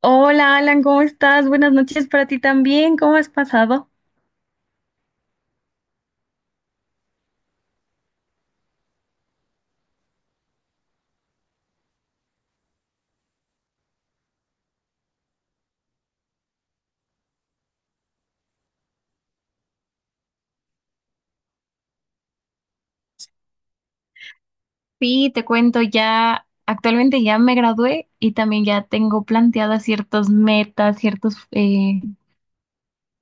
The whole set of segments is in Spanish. Hola Alan, ¿cómo estás? Buenas noches para ti también. ¿Cómo has pasado? Sí, te cuento, ya actualmente ya me gradué y también ya tengo planteadas ciertas metas, ciertos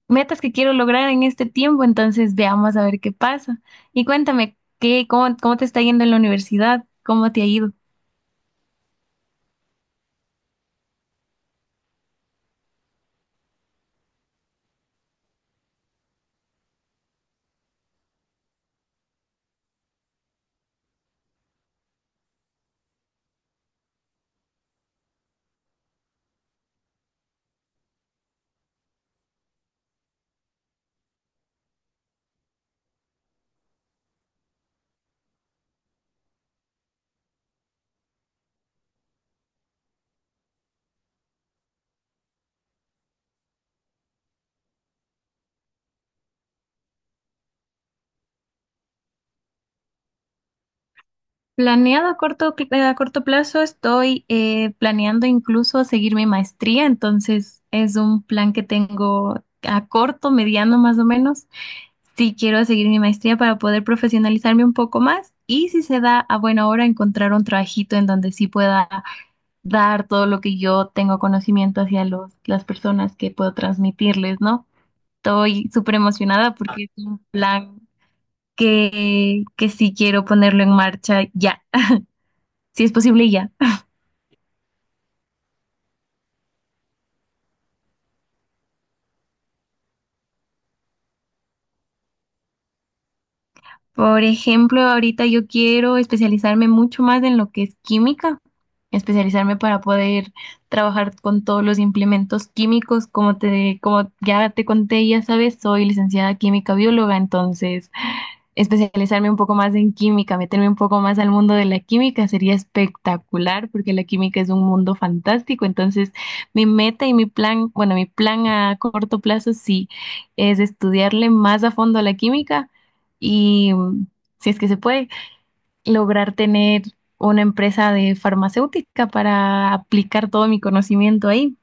metas que quiero lograr en este tiempo, entonces veamos a ver qué pasa. Y cuéntame, ¿qué, cómo, cómo te está yendo en la universidad? ¿Cómo te ha ido? Planeado a corto, a corto plazo, estoy planeando incluso seguir mi maestría, entonces es un plan que tengo a corto, mediano más o menos. Sí, quiero seguir mi maestría para poder profesionalizarme un poco más y si se da a buena hora encontrar un trabajito en donde sí pueda dar todo lo que yo tengo conocimiento hacia los, las personas que puedo transmitirles, ¿no? Estoy súper emocionada porque es un plan que sí quiero ponerlo en marcha ya, si es posible ya. Por ejemplo, ahorita yo quiero especializarme mucho más en lo que es química, especializarme para poder trabajar con todos los implementos químicos, como te, como ya te conté, ya sabes, soy licenciada química bióloga, entonces especializarme un poco más en química, meterme un poco más al mundo de la química, sería espectacular porque la química es un mundo fantástico. Entonces, mi meta y mi plan, bueno, mi plan a corto plazo sí es estudiarle más a fondo a la química y, si es que se puede, lograr tener una empresa de farmacéutica para aplicar todo mi conocimiento ahí.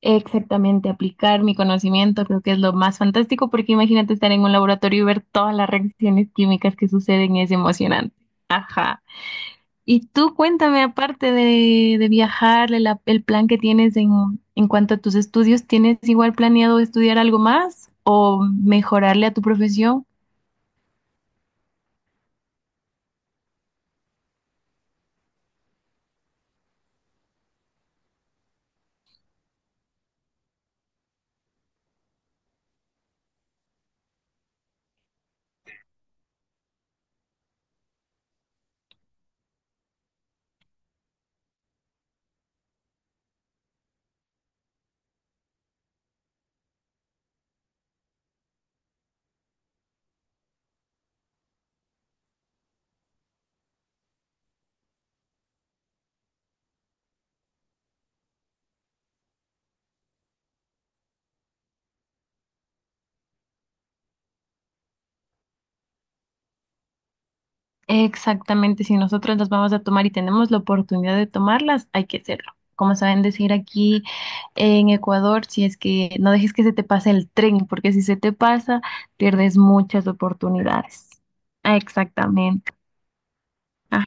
Exactamente, aplicar mi conocimiento creo que es lo más fantástico porque imagínate estar en un laboratorio y ver todas las reacciones químicas que suceden, es emocionante. Y tú cuéntame, aparte de viajar, el plan que tienes en cuanto a tus estudios, ¿tienes igual planeado estudiar algo más o mejorarle a tu profesión? Exactamente, si nosotros las vamos a tomar y tenemos la oportunidad de tomarlas, hay que hacerlo. Como saben decir aquí en Ecuador, si es que no dejes que se te pase el tren, porque si se te pasa, pierdes muchas oportunidades. Ah, exactamente. Ah,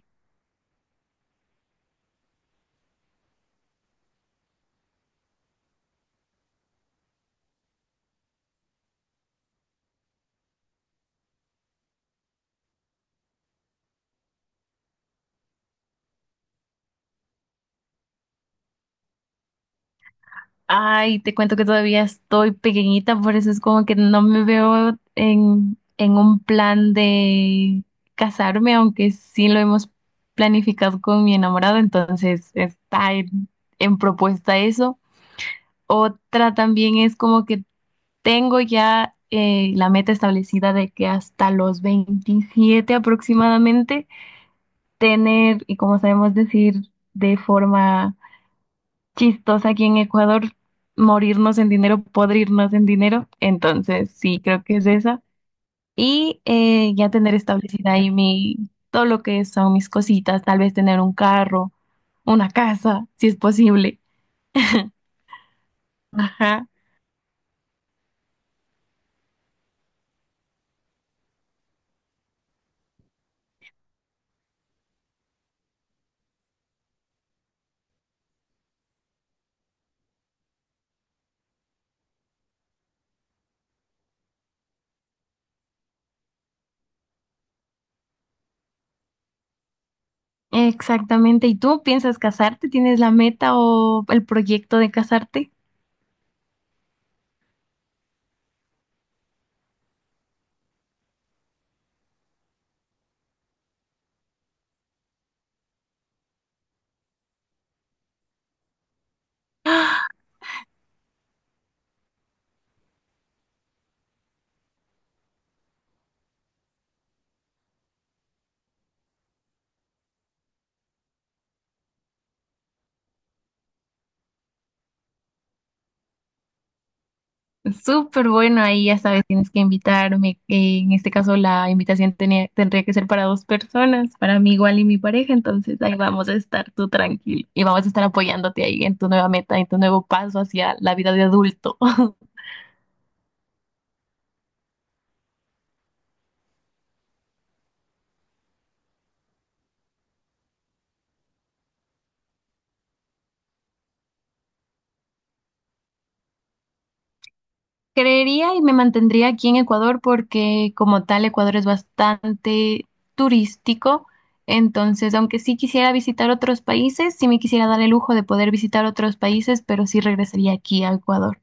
ay, te cuento que todavía estoy pequeñita, por eso es como que no me veo en un plan de casarme, aunque sí lo hemos planificado con mi enamorado, entonces está en propuesta eso. Otra también es como que tengo ya la meta establecida de que hasta los 27 aproximadamente tener, y como sabemos decir de forma chistosa aquí en Ecuador, morirnos en dinero, podrirnos en dinero. Entonces, sí, creo que es esa. Y ya tener establecida ahí mi, todo lo que son mis cositas, tal vez tener un carro, una casa, si es posible. Ajá. Exactamente. ¿Y tú piensas casarte? ¿Tienes la meta o el proyecto de casarte? Súper bueno, ahí ya sabes, tienes que invitarme. En este caso, la invitación tendría que ser para dos personas, para mí igual y mi pareja. Entonces, ahí vamos a estar tú tranquilo y vamos a estar apoyándote ahí en tu nueva meta, en tu nuevo paso hacia la vida de adulto. Creería y me mantendría aquí en Ecuador porque como tal Ecuador es bastante turístico, entonces aunque sí quisiera visitar otros países, sí me quisiera dar el lujo de poder visitar otros países, pero sí regresaría aquí a Ecuador.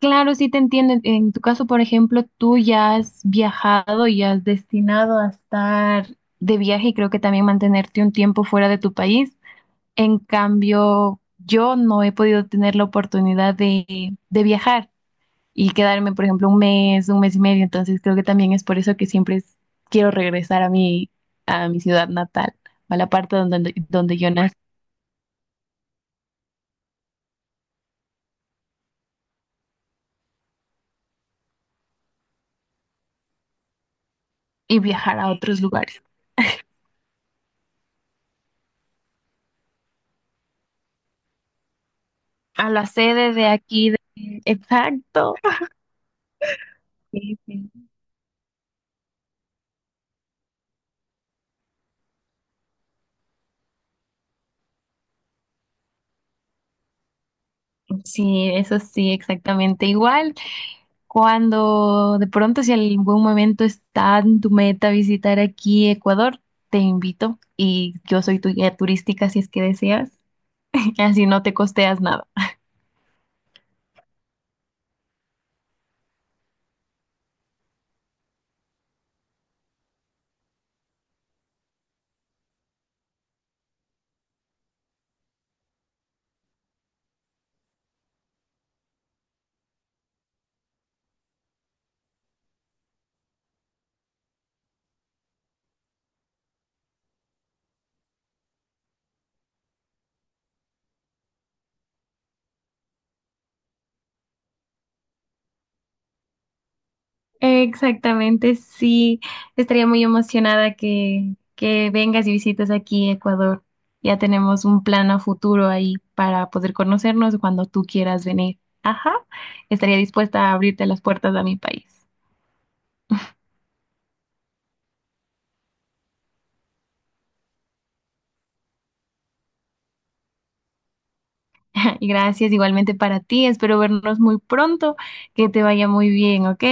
Claro, sí te entiendo. En tu caso, por ejemplo, tú ya has viajado y has destinado a estar de viaje y creo que también mantenerte un tiempo fuera de tu país. En cambio, yo no he podido tener la oportunidad de viajar. Y quedarme, por ejemplo, un mes y medio. Entonces creo que también es por eso que siempre quiero regresar a mi ciudad natal, a la parte donde, donde yo nací y viajar a otros lugares. A la sede de aquí. Exacto. Sí, sí. Sí, eso sí, exactamente. Igual cuando de pronto, si en algún momento está en tu meta visitar aquí Ecuador, te invito y yo soy tu guía turística si es que deseas. Así no te costeas nada. Exactamente, sí. Estaría muy emocionada que vengas y visites aquí Ecuador. Ya tenemos un plan a futuro ahí para poder conocernos cuando tú quieras venir. Ajá, estaría dispuesta a abrirte las puertas a mi país. Y gracias igualmente para ti. Espero vernos muy pronto. Que te vaya muy bien, ¿ok?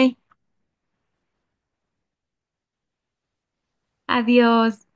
Adiós.